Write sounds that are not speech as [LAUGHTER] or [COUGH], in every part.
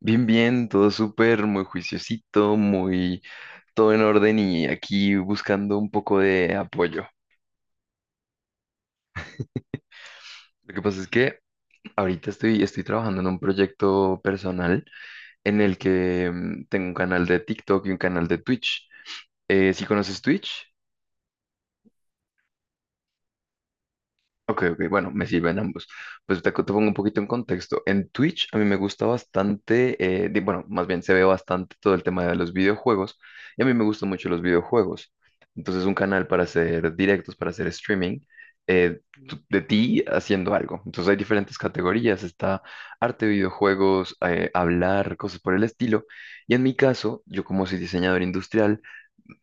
Bien, bien, todo súper, muy juiciosito, muy todo en orden y aquí buscando un poco de apoyo. Lo que pasa es que ahorita estoy trabajando en un proyecto personal en el que tengo un canal de TikTok y un canal de Twitch. ¿Sí conoces Twitch? Ok, ok, bueno, me sirven ambos. Pues te pongo un poquito en contexto. En Twitch a mí me gusta bastante, bueno, más bien se ve bastante todo el tema de los videojuegos y a mí me gustan mucho los videojuegos. Entonces un canal para hacer directos, para hacer streaming, eh, de ti haciendo algo. Entonces hay diferentes categorías, está arte, videojuegos, hablar, cosas por el estilo. Y en mi caso, yo como soy diseñador industrial,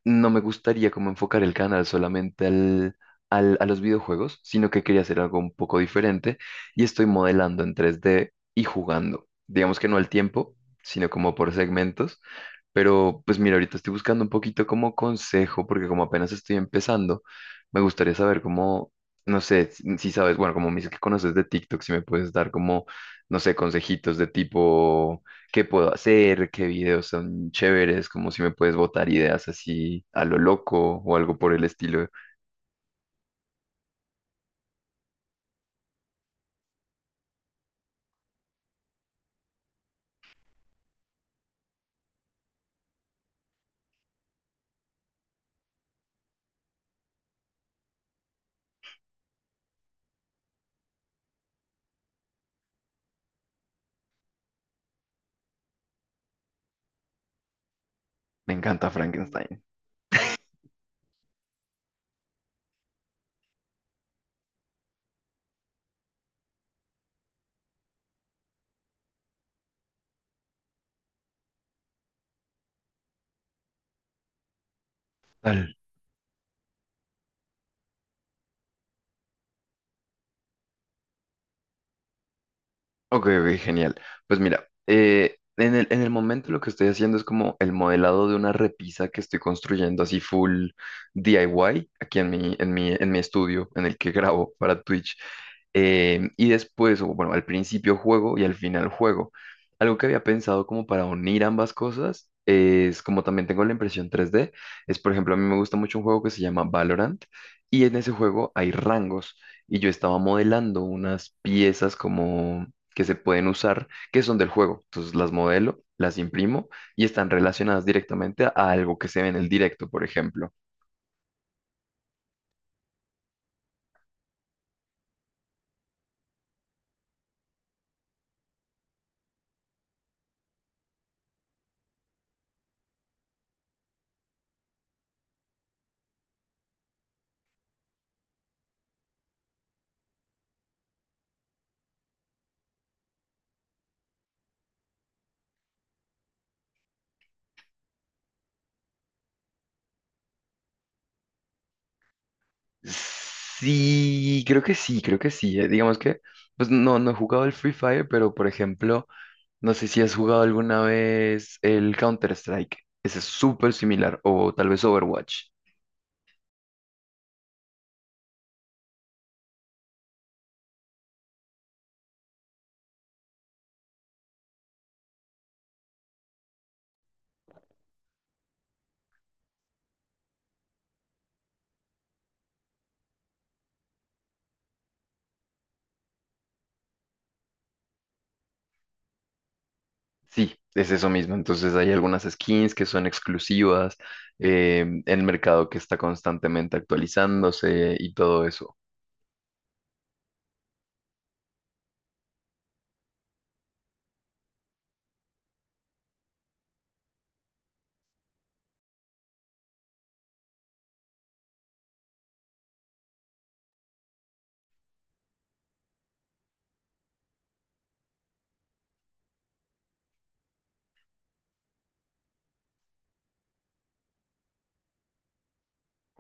no me gustaría como enfocar el canal solamente a los videojuegos, sino que quería hacer algo un poco diferente y estoy modelando en 3D y jugando. Digamos que no al tiempo, sino como por segmentos. Pero pues mira, ahorita estoy buscando un poquito como consejo, porque como apenas estoy empezando, me gustaría saber cómo, no sé, si sabes, bueno, como me dices que conoces de TikTok, si me puedes dar como, no sé, consejitos de tipo qué puedo hacer, qué videos son chéveres, como si me puedes botar ideas así a lo loco o algo por el estilo. Me encanta Frankenstein. Tal. Ok, ok, genial. Pues mira, en el momento lo que estoy haciendo es como el modelado de una repisa que estoy construyendo así full DIY aquí en mi, en mi, en mi estudio en el que [LAUGHS] grabo para Twitch. Em, y después, o bueno, al principio juego y al final juego. Algo que había pensado como para unir ambas cosas es como también tengo la impresión 3D, es por ejemplo, a mí me gusta mucho un juego que se llama Valorant y en ese juego hay rangos y yo estaba modelando unas piezas como que se pueden usar, que son del juego. Entonces las modelo, las imprimo y están relacionadas directamente a algo que se ve en el directo, por ejemplo. Sí, creo que sí, creo que sí. Digamos que, pues no, no he jugado el Free Fire, pero por ejemplo, no sé si has jugado alguna vez el Counter-Strike. Ese es súper similar, o tal vez Overwatch. Sí, es eso mismo. Entonces hay algunas skins que son exclusivas, el mercado que está constantemente actualizándose y todo eso.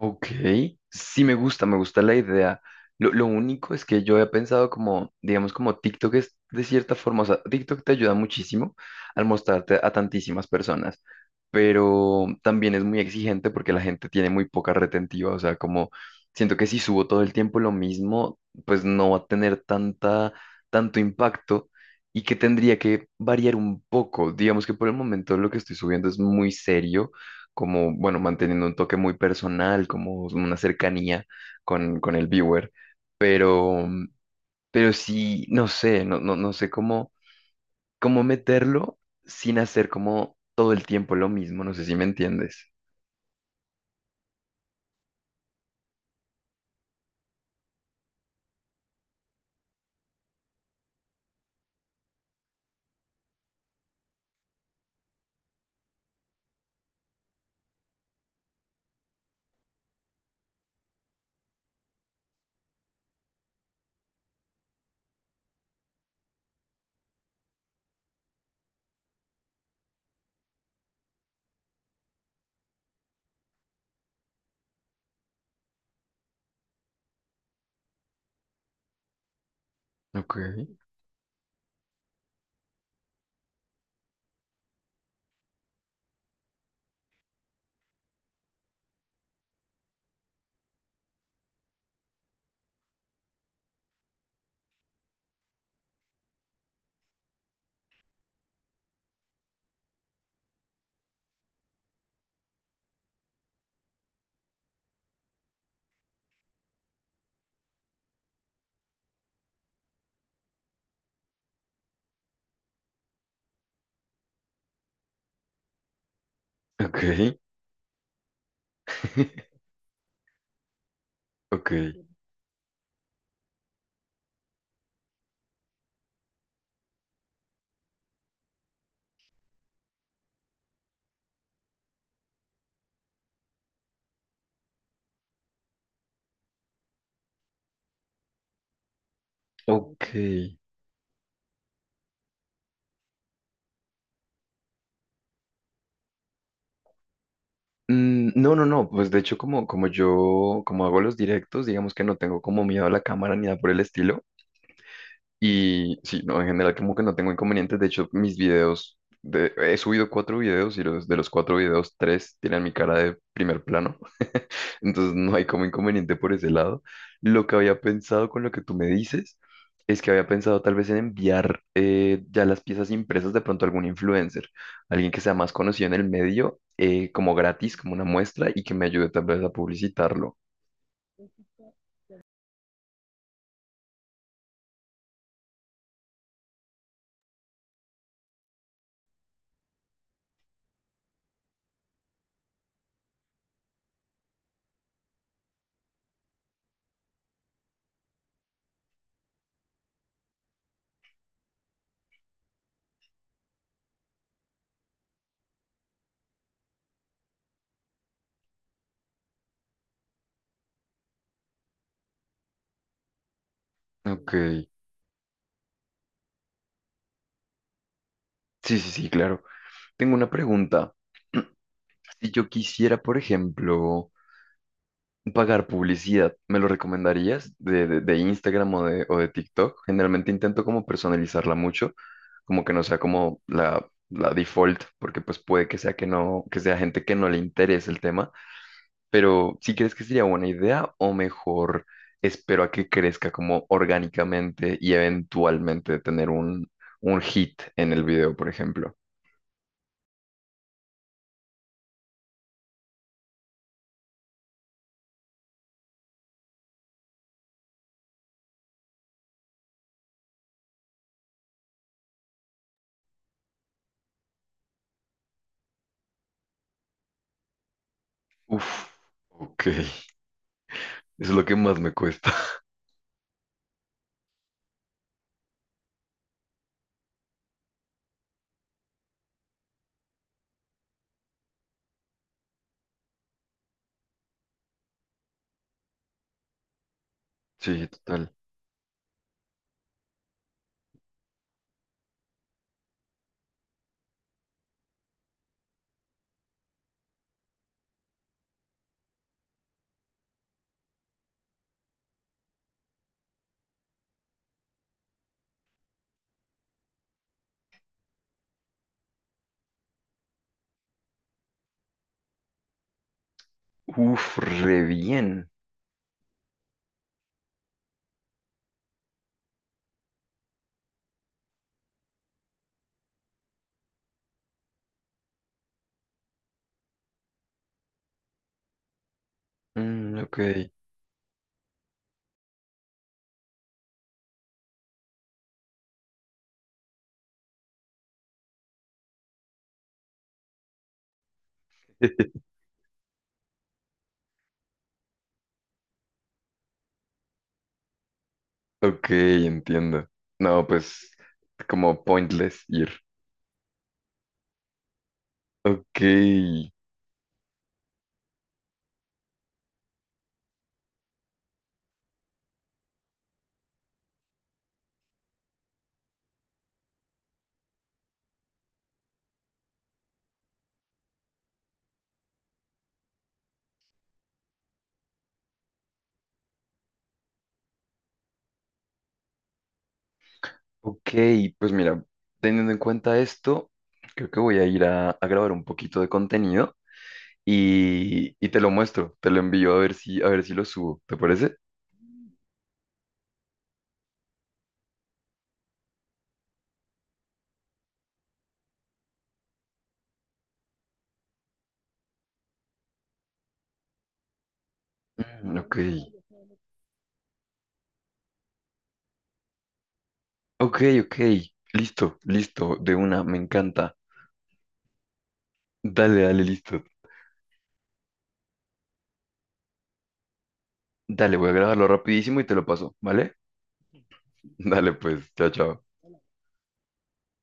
Ok, sí me gusta la idea. Lo único es que yo he pensado como, digamos, como TikTok es de cierta forma, o sea, TikTok te ayuda muchísimo al mostrarte a tantísimas personas, pero también es muy exigente porque la gente tiene muy poca retentiva, o sea, como siento que si subo todo el tiempo lo mismo, pues no va a tener tanto impacto y que tendría que variar un poco. Digamos que por el momento lo que estoy subiendo es muy serio como, bueno, manteniendo un toque muy personal, como una cercanía con el viewer, pero, pero sí, no sé, no sé cómo, cómo meterlo sin hacer como todo el tiempo lo mismo, no sé si me entiendes. Ok, ok, [LAUGHS] ok, ok. Mm, no, no, no, pues de hecho como, como yo, como hago los directos, digamos que no tengo como miedo a la cámara ni nada por el estilo. Y sí, no, en general como que no tengo inconvenientes. De hecho, mis videos, he subido 4 videos y de los cuatro videos, tres tienen mi cara de primer plano. [LAUGHS] Entonces no hay como inconveniente por ese lado. Lo que había pensado con lo que tú me dices es que había pensado tal vez en enviar ya las piezas impresas de pronto a algún influencer, alguien que sea más conocido en el medio, como gratis, como una muestra y que me ayude tal vez a publicitarlo. Ok, sí, sí, sí, claro. Tengo una pregunta. Si yo quisiera, por ejemplo... Pagar publicidad, ¿me lo recomendarías de Instagram o de TikTok? Generalmente intento como personalizarla mucho, como que no sea como la default, porque pues puede que sea que no, que sea gente que no le interese el tema, pero ¿si crees que sería buena idea o mejor espero a que crezca como orgánicamente y eventualmente tener un hit en el video, por ejemplo? Uf, ok, es lo que más me cuesta. [LAUGHS] Sí, total. Uf, re bien. Mm, ok. [LAUGHS] Ok, entiendo. No, pues como pointless ir. Ok, ok, pues mira, teniendo en cuenta esto, creo que voy a ir a grabar un poquito de contenido y te lo muestro, te lo envío a ver si lo subo, ¿te parece? Mm, ok, ok, ok, listo, listo, de una, me encanta. Dale, dale, listo. Dale, voy a grabarlo rapidísimo y te lo paso, ¿vale? [LAUGHS] Dale, pues, chao, chao.